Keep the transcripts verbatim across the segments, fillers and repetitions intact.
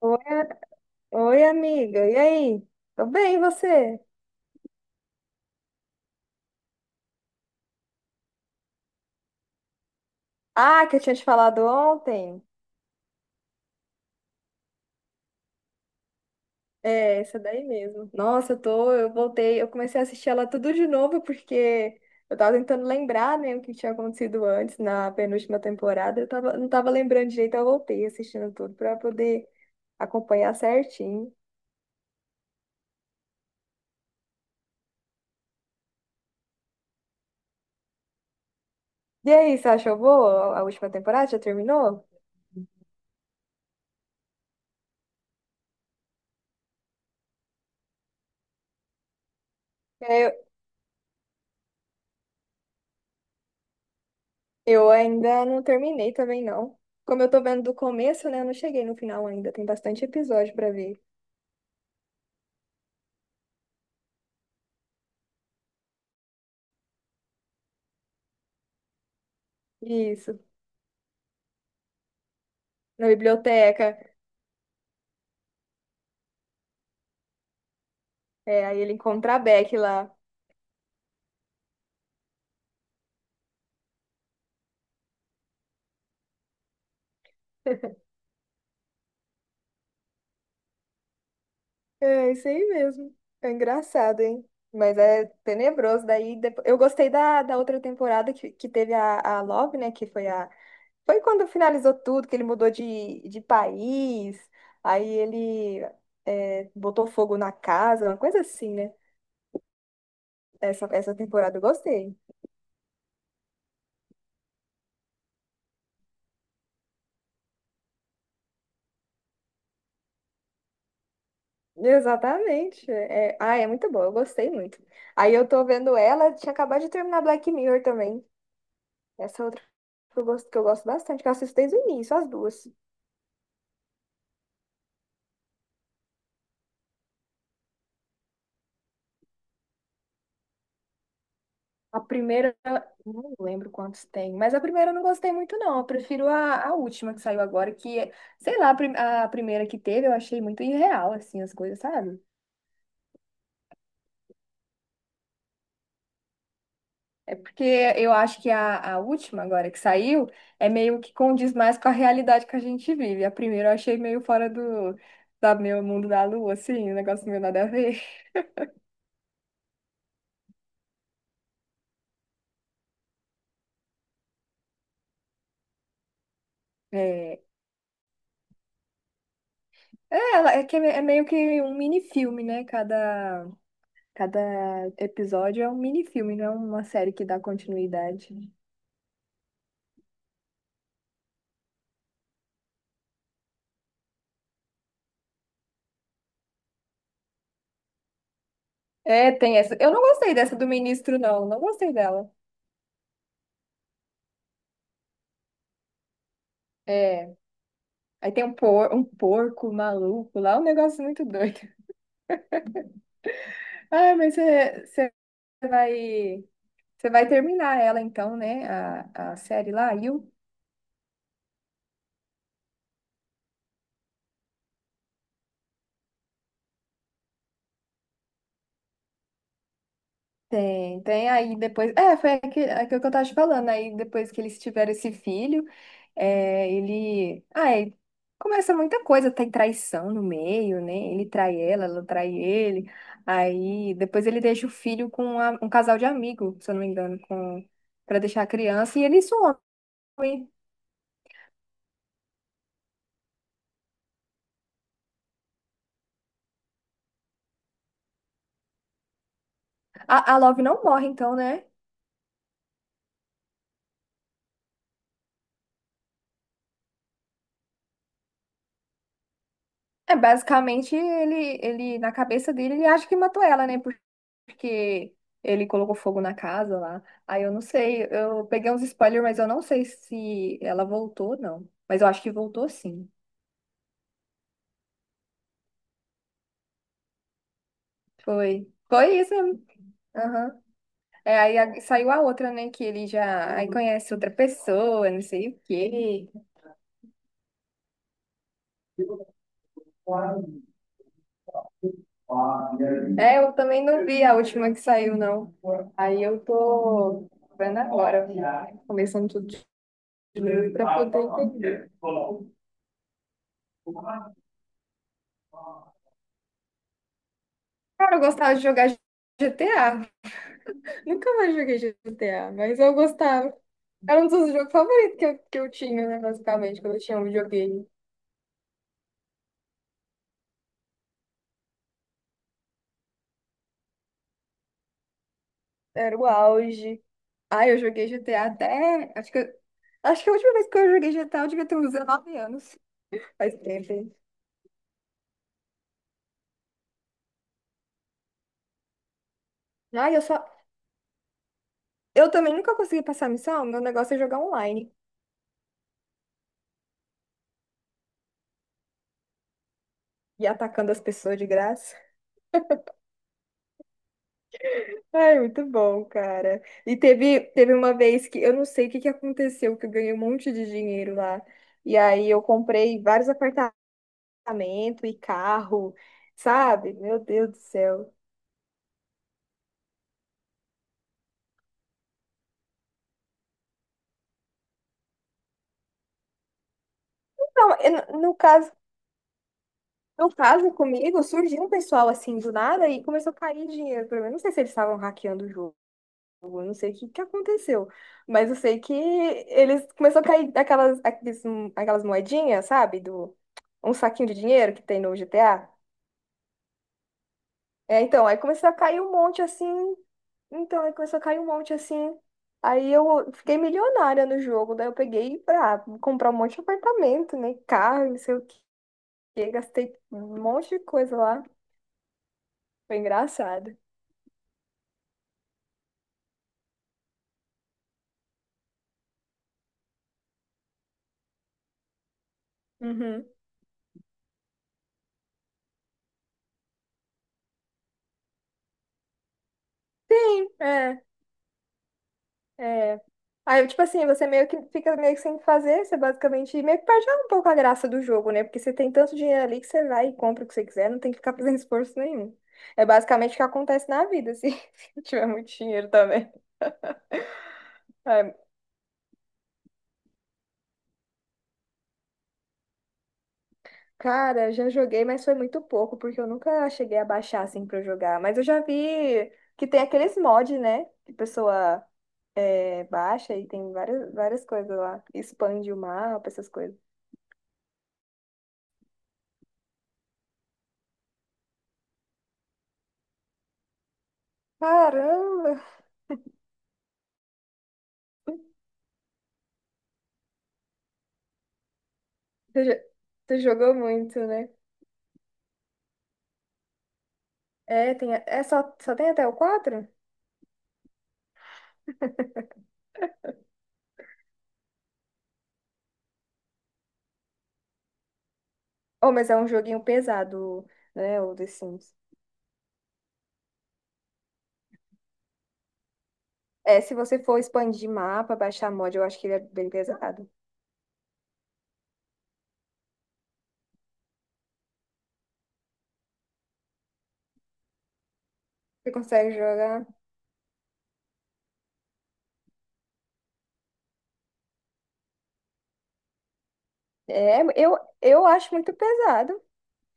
Oi, oi, amiga. E aí? Tô bem, e você? Ah, que eu tinha te falado ontem. É, essa daí mesmo. Nossa, eu tô, eu voltei, eu comecei a assistir ela tudo de novo porque eu tava tentando lembrar, né, o que tinha acontecido antes na penúltima temporada. Eu tava, não tava lembrando direito, eu voltei assistindo tudo pra poder acompanhar certinho. E aí, você achou boa a a última temporada? Já terminou? Eu ainda não terminei também, não. Como eu tô vendo do começo, né? Eu não cheguei no final ainda. Tem bastante episódio pra ver. Isso. Na biblioteca. É, aí ele encontra a Beck lá. É, isso aí mesmo. É engraçado, hein? Mas é tenebroso. Daí depo- eu gostei da, da outra temporada que, que teve a, a Love, né? Que foi a. Foi quando finalizou tudo, que ele mudou de, de país. Aí ele é, botou fogo na casa, uma coisa assim, né? Essa, essa temporada eu gostei. Exatamente. É, ah, é muito boa, eu gostei muito. Aí eu tô vendo ela, tinha acabado de terminar Black Mirror também. Essa outra que eu gosto, que eu gosto bastante, que eu assisto desde o início, as duas. A primeira, não lembro quantos tem, mas a primeira eu não gostei muito, não. Eu prefiro a, a última que saiu agora, que, é- sei lá, a, prim- a primeira que teve, eu achei muito irreal, assim, as coisas, sabe? É porque eu acho que a, a última agora que saiu é meio que condiz mais com a realidade que a gente vive. A primeira eu achei meio fora do da meu mundo da lua, assim, um negócio meio nada a ver. É, é, ela- é, que é me- é meio que um mini-filme, né? Cada, cada episódio é um mini-filme, não é uma série que dá continuidade. É, tem essa. Eu não gostei dessa do ministro, não. Não gostei dela. É, aí tem um, por, um porco maluco lá, um negócio muito doido. Ah, mas você você vai. Você vai terminar ela então, né? A, a série lá, you. Tem, tem aí depois. É, foi aqui- aquilo que eu tava te falando. Aí depois que eles tiveram esse filho, é, ele. Ai começa muita coisa, tem traição no meio, né? Ele trai ela, ela trai ele. Aí depois ele deixa o filho com uma- um casal de amigo, se eu não me engano, com, pra deixar a criança, e ele some. A, a Love não morre, então, né? É, basicamente, ele, ele, na cabeça dele, ele acha que matou ela, né? Porque ele colocou fogo na casa lá. Aí eu não sei, eu peguei uns spoilers, mas eu não sei se ela voltou, não. Mas eu acho que voltou sim. Foi. Foi isso mesmo. Aham. É, aí a- saiu a outra, né? Que ele já aí conhece outra pessoa, não sei o quê. É, eu também não vi a última que saiu, não. Aí eu tô vendo agora, começando tudo de novo pra poder entender. Cara, eu gostava de jogar G T A. Nunca mais joguei G T A, mas eu gostava. Era um dos jogos favoritos que eu, que eu tinha, né, basicamente, quando eu tinha um videogame. Era o auge. Ah, eu joguei G T A até. Acho que, eu- acho que a última vez que eu joguei G T A eu devia ter uns dezenove anos. Faz tempo, hein? Ai, eu só. Eu também nunca consegui passar a missão. Meu negócio é jogar online e atacando as pessoas de graça. Ai, muito bom, cara. E teve, teve uma vez que eu não sei o que que aconteceu, que eu ganhei um monte de dinheiro lá. E aí eu comprei vários apartamentos e carro, sabe? Meu Deus do céu. Não, eu não- no caso, no caso comigo, surgiu um pessoal assim do nada e começou a cair dinheiro pra mim. Eu não sei se eles estavam hackeando o jogo, eu não sei o que que aconteceu, mas eu sei que eles começou a cair aquelas aqueles- aquelas moedinhas, sabe? Do um saquinho de dinheiro que tem no G T A. É, então, aí começou a cair um monte assim. Então, aí começou a cair um monte assim. Aí eu fiquei milionária no jogo. Daí eu peguei pra comprar um monte de apartamento, né? Carro, não sei o quê. Gastei um monte de coisa lá. Foi engraçado. Uhum. Sim, é, é. Aí, tipo assim, você meio que fica meio que sem fazer, você basicamente meio que perde um pouco a graça do jogo, né? Porque você tem tanto dinheiro ali que você vai e compra o que você quiser, não tem que ficar fazendo esforço nenhum. É basicamente o que acontece na vida, se se tiver muito dinheiro também. É. Cara, já joguei, mas foi muito pouco, porque eu nunca cheguei a baixar assim pra eu jogar. Mas eu já vi que tem aqueles mods, né? Que a pessoa é, baixa e tem várias, várias coisas lá. Expande o mapa, essas coisas. Caramba! Você, jo- você jogou muito, né? É, tem, a- é só, só tem até o quatro. Oh, mas é um joguinho pesado, né? O The Sims. É, se você for expandir mapa, baixar mod, eu acho que ele é bem pesado. Você consegue jogar? É, eu, eu acho muito pesado.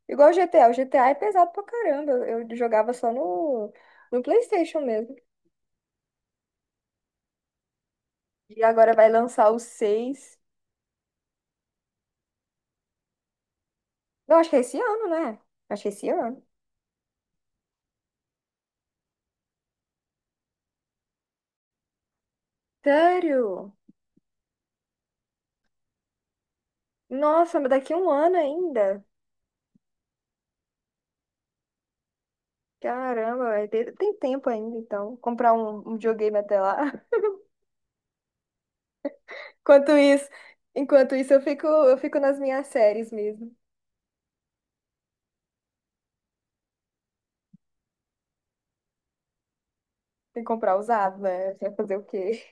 Igual o G T A. O G T A é pesado pra caramba. Eu, eu jogava só no, no PlayStation mesmo. E agora vai lançar o seis. Não, acho que é esse ano, né? Acho que é esse ano. Sério? Nossa, mas daqui a um ano ainda. Caramba, vai ter tem tempo ainda, então. Comprar um, um videogame até lá. Enquanto isso, enquanto isso, eu fico, eu fico nas minhas séries mesmo. Tem que comprar usado, né? Vai fazer o quê?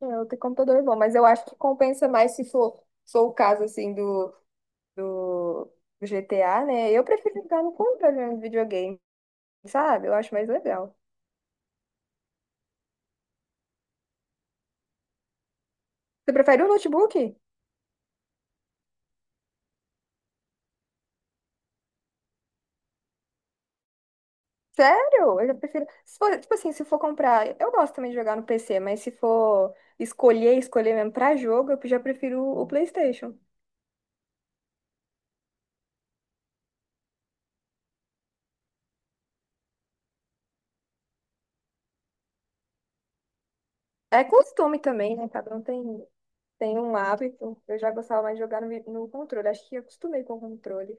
É, eu tem computador é bom, mas eu acho que compensa mais se for, for o caso assim do, do, do G T A, né? Eu prefiro jogar no controle mesmo de videogame, sabe? Eu acho mais legal. Você prefere o notebook? Sério? Eu já prefiro. Se for, tipo assim, se for comprar. Eu gosto também de jogar no P C, mas se for escolher, escolher mesmo pra jogo, eu já prefiro o PlayStation. É costume também, né? Cada um tem, tem um hábito. Eu já gostava mais de jogar no, vi- no controle. Acho que acostumei com o controle.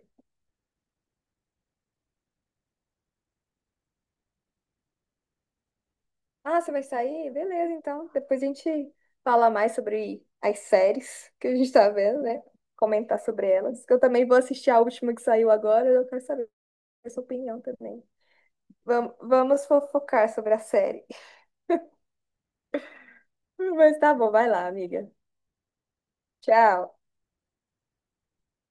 Ah, você vai sair? Beleza, então. Depois a gente fala mais sobre as séries que a gente tá vendo, né? Comentar sobre elas. Que eu também vou assistir a última que saiu agora, eu quero saber a sua opinião também. Vam- Vamos fofocar sobre a série. Mas tá bom, vai lá, amiga. Tchau.